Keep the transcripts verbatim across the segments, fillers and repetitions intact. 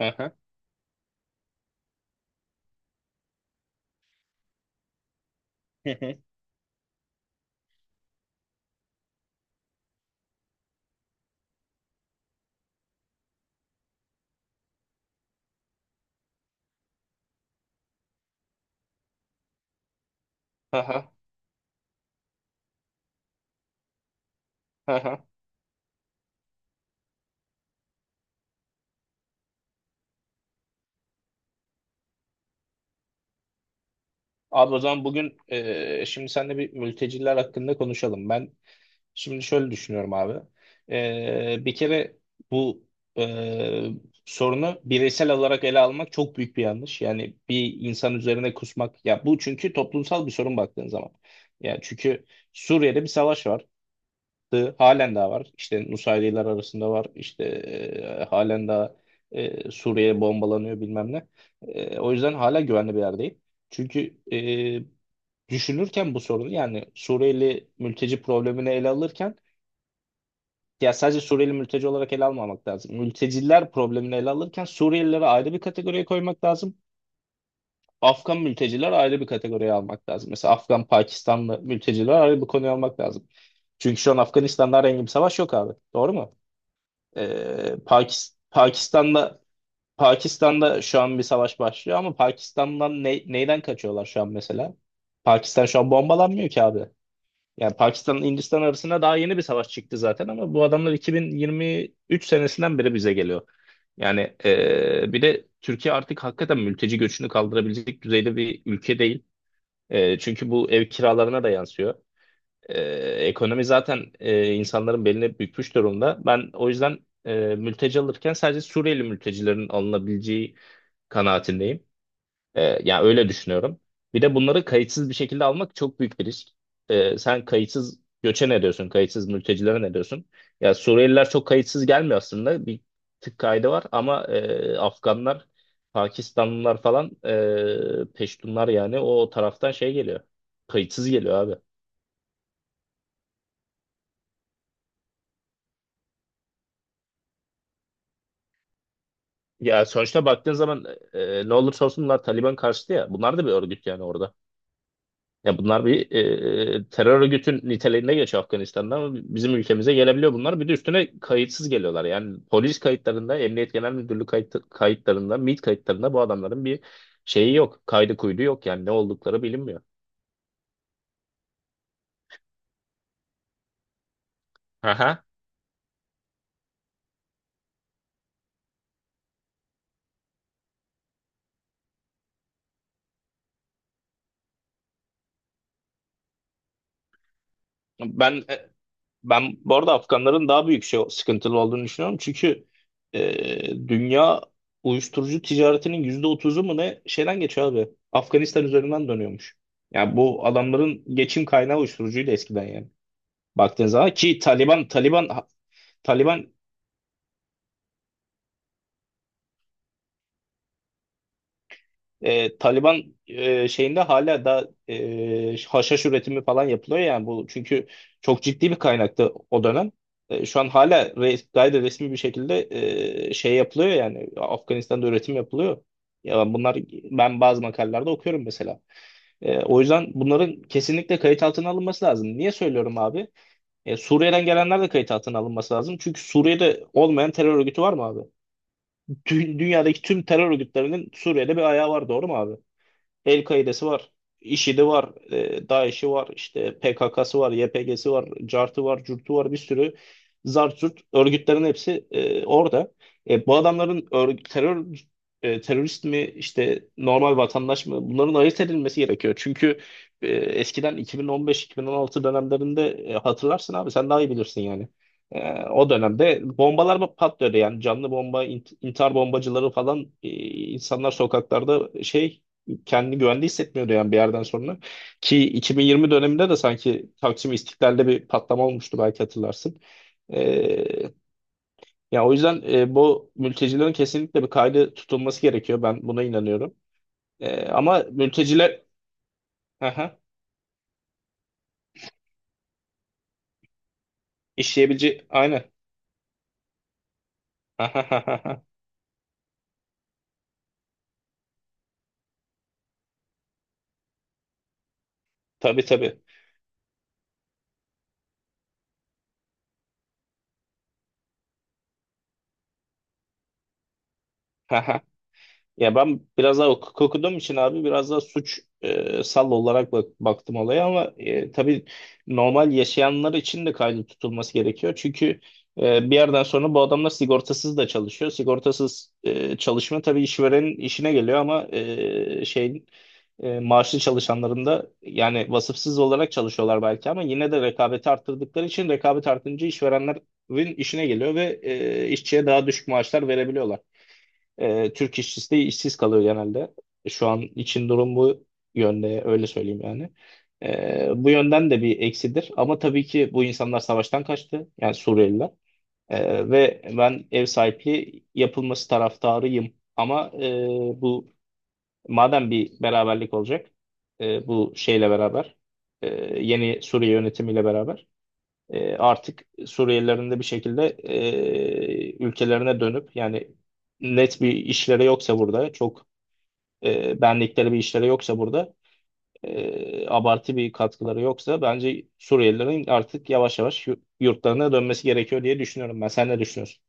Hı hı. Hı hı. Hı hı. Hı hı. Abi o zaman bugün e, şimdi seninle bir mülteciler hakkında konuşalım. Ben şimdi şöyle düşünüyorum abi. E, bir kere bu e, sorunu bireysel olarak ele almak çok büyük bir yanlış. Yani bir insan üzerine kusmak. Ya bu çünkü toplumsal bir sorun, baktığın zaman. Yani çünkü Suriye'de bir savaş var. Yaptı. Halen daha var. İşte Nusayriler arasında var. İşte e, halen daha e, Suriye bombalanıyor, bilmem ne. E, o yüzden hala güvenli bir yerdeyim. Çünkü e, düşünürken bu sorunu, yani Suriyeli mülteci problemini ele alırken, ya sadece Suriyeli mülteci olarak ele almamak lazım. Mülteciler problemini ele alırken Suriyelilere ayrı bir kategoriye koymak lazım. Afgan mülteciler ayrı bir kategoriye almak lazım. Mesela Afgan, Pakistanlı mülteciler ayrı bir konuya almak lazım. Çünkü şu an Afganistan'da herhangi bir savaş yok abi. Doğru mu? Ee, Pakis- Pakistan'da Pakistan'da şu an bir savaş başlıyor ama Pakistan'dan ne- neyden kaçıyorlar şu an mesela? Pakistan şu an bombalanmıyor ki abi. Yani Pakistan Hindistan arasında daha yeni bir savaş çıktı zaten ama bu adamlar iki bin yirmi üç senesinden beri bize geliyor. Yani ee, bir de Türkiye artık hakikaten mülteci göçünü kaldırabilecek düzeyde bir ülke değil. Ee, çünkü bu ev kiralarına da yansıyor. Ee, Ekonomi zaten e, insanların beline bükmüş durumda. Ben o yüzden e, mülteci alırken sadece Suriyeli mültecilerin alınabileceği kanaatindeyim. Ee, yani öyle düşünüyorum. Bir de bunları kayıtsız bir şekilde almak çok büyük bir risk. Ee, sen kayıtsız göçe ne diyorsun? Kayıtsız mültecilere ne diyorsun? Ya Suriyeliler çok kayıtsız gelmiyor aslında. Bir tık kaydı var ama e, Afganlar, Pakistanlılar falan, e, Peştunlar, yani o taraftan şey geliyor. Kayıtsız geliyor abi. Ya sonuçta baktığın zaman e, ne olursa olsun bunlar Taliban karşıtı ya. Bunlar da bir örgüt yani orada. Ya bunlar bir e, terör örgütün niteliğinde geçiyor Afganistan'da ama bizim ülkemize gelebiliyor bunlar. Bir de üstüne kayıtsız geliyorlar. Yani polis kayıtlarında, Emniyet Genel Müdürlüğü kayıt, kayıtlarında, MİT kayıtlarında bu adamların bir şeyi yok. Kaydı kuydu yok, yani ne oldukları bilinmiyor. Aha. Ben e, Ben bu arada Afganların daha büyük şey, sıkıntılı olduğunu düşünüyorum. Çünkü e, dünya uyuşturucu ticaretinin yüzde otuzu mu ne şeyden geçiyor abi. Afganistan üzerinden dönüyormuş. Yani bu adamların geçim kaynağı uyuşturucuydu eskiden yani. Baktığın zaman ki Taliban Taliban Taliban E, Taliban e, şeyinde hala da e, haşhaş üretimi falan yapılıyor, yani bu çünkü çok ciddi bir kaynaktı o dönem. E, şu an hala re- gayet de resmi bir şekilde e, şey yapılıyor, yani Afganistan'da üretim yapılıyor. Ya bunlar, ben bazı makalelerde okuyorum mesela. E, o yüzden bunların kesinlikle kayıt altına alınması lazım. Niye söylüyorum abi? E, Suriye'den gelenler de kayıt altına alınması lazım. Çünkü Suriye'de olmayan terör örgütü var mı abi? Dü- dünyadaki tüm terör örgütlerinin Suriye'de bir ayağı var, doğru mu abi? El-Kaide'si var, IŞİD'i var, e, DAEŞ'i var, işte P K K'sı var, Y P G'si var, C A R T'ı var, C U R T'u var, bir sürü zart zurt örgütlerin hepsi e, orada. E, bu adamların örg- terör e, terörist mi, işte normal vatandaş mı, bunların ayırt edilmesi gerekiyor. Çünkü e, eskiden iki bin on beş-iki bin on altı dönemlerinde, e, hatırlarsın abi, sen daha iyi bilirsin yani. E, o dönemde bombalar mı patlıyordu, yani canlı bomba, int- intihar bombacıları falan, e, insanlar sokaklarda şey, kendini güvende hissetmiyordu yani bir yerden sonra. Ki iki bin yirmi döneminde de sanki Taksim İstiklal'de bir patlama olmuştu, belki hatırlarsın. Ee, Yani o yüzden e, bu mültecilerin kesinlikle bir kaydı tutulması gerekiyor. Ben buna inanıyorum. Ee, ama mülteciler. Aha, işleyebileceği aynen. Aha, tabii tabii. Ya ben biraz daha hukuk okuduğum için abi, biraz daha suç e, sal olarak bak- baktım olaya ama e, tabii normal yaşayanlar için de kaydı tutulması gerekiyor. Çünkü e, bir yerden sonra bu adamlar sigortasız da çalışıyor. Sigortasız e, çalışma tabii işverenin işine geliyor ama e, şeyin e, maaşlı çalışanların da, yani vasıfsız olarak çalışıyorlar belki ama yine de rekabeti arttırdıkları için, rekabet artınca işverenlerin işine geliyor ve e, işçiye daha düşük maaşlar verebiliyorlar. E, Türk işçisi de işsiz kalıyor genelde. E, Şu an için durum bu yönde, öyle söyleyeyim yani. E, bu yönden de bir eksidir. Ama tabii ki bu insanlar savaştan kaçtı. Yani Suriyeliler. E, ve ben ev sahipliği yapılması taraftarıyım. Ama e, bu, madem bir beraberlik olacak, e, bu şeyle beraber, e, yeni Suriye yönetimiyle beraber, e, artık Suriyelilerin de bir şekilde e, ülkelerine dönüp, yani net bir işleri yoksa burada, çok e, benlikleri bir işleri yoksa burada, e, abartı bir katkıları yoksa, bence Suriyelilerin artık yavaş yavaş yu- yurtlarına dönmesi gerekiyor diye düşünüyorum ben. Sen ne düşünüyorsun?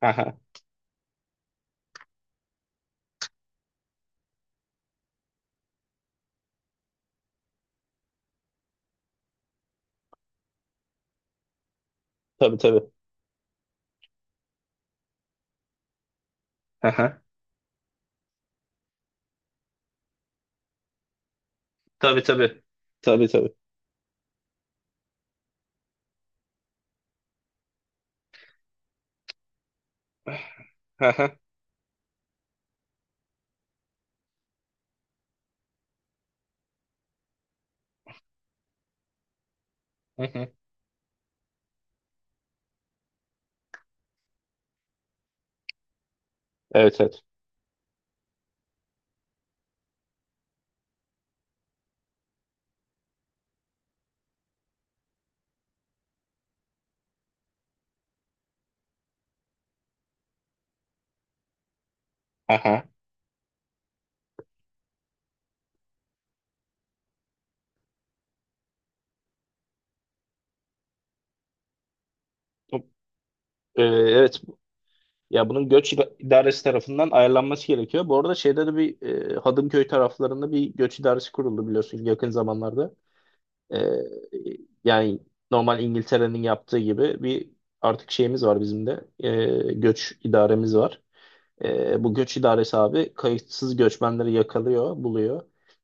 Aha, tabii tabii. Aha. Tabii tabii. Tabii tabii. Aha. Hı hı. Evet evet. Aha. Ee, evet. Ya bunun göç ida- idaresi tarafından ayarlanması gerekiyor. Bu arada şeyde de bir, e, Hadımköy taraflarında bir göç idaresi kuruldu, biliyorsun, yakın zamanlarda. E, Yani normal İngiltere'nin yaptığı gibi bir, artık şeyimiz var bizim de, e, göç idaremiz var. E, bu göç idaresi abi kayıtsız göçmenleri yakalıyor, buluyor,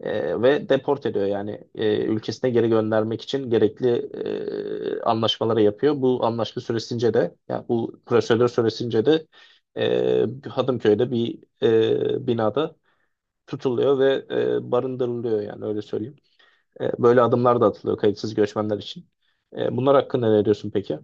e, ve deport ediyor. Yani e, ülkesine geri göndermek için gerekli e, anlaşmaları yapıyor. Bu anlaşma süresince de, yani bu prosedür süresince de, e, Hadımköy'de bir e, binada tutuluyor ve e, barındırılıyor, yani öyle söyleyeyim. E, böyle adımlar da atılıyor kayıtsız göçmenler için. E, bunlar hakkında ne diyorsun peki?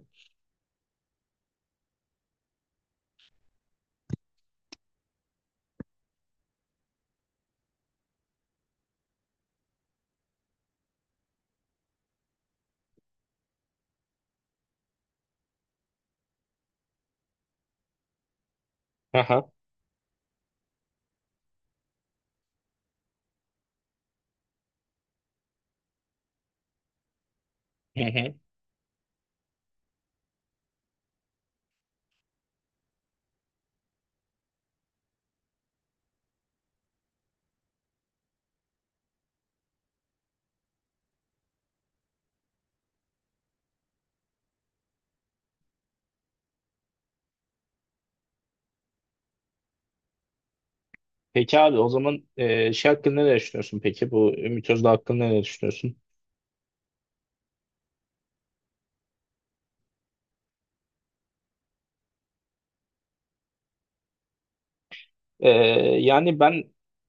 Aha. Hı hı. Peki abi, o zaman e, şey hakkında ne düşünüyorsun peki? Bu Ümit Özdağ hakkında ne düşünüyorsun? E, Yani ben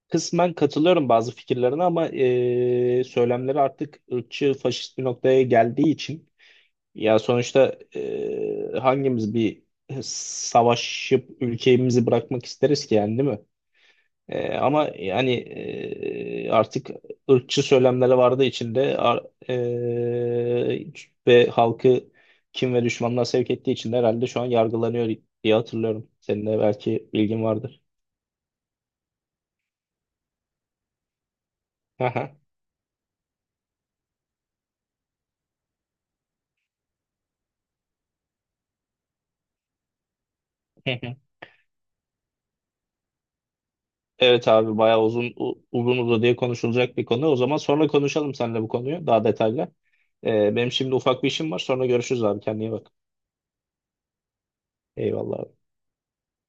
kısmen katılıyorum bazı fikirlerine ama e, söylemleri artık ırkçı, faşist bir noktaya geldiği için, ya sonuçta e, hangimiz bir savaşıp ülkemizi bırakmak isteriz ki, yani değil mi? E, ama yani e, artık ırkçı söylemleri vardı içinde, ar- e, ve halkı, kim ve düşmanlığa sevk ettiği için de, herhalde şu an yargılanıyor diye hatırlıyorum. Senin de belki bilgin vardır. Aha. Hı hı. Evet abi, bayağı uzun, u- uzun uzadıya konuşulacak bir konu. O zaman sonra konuşalım seninle bu konuyu daha detaylı. E, benim şimdi ufak bir işim var. Sonra görüşürüz abi. Kendine iyi bak. Eyvallah.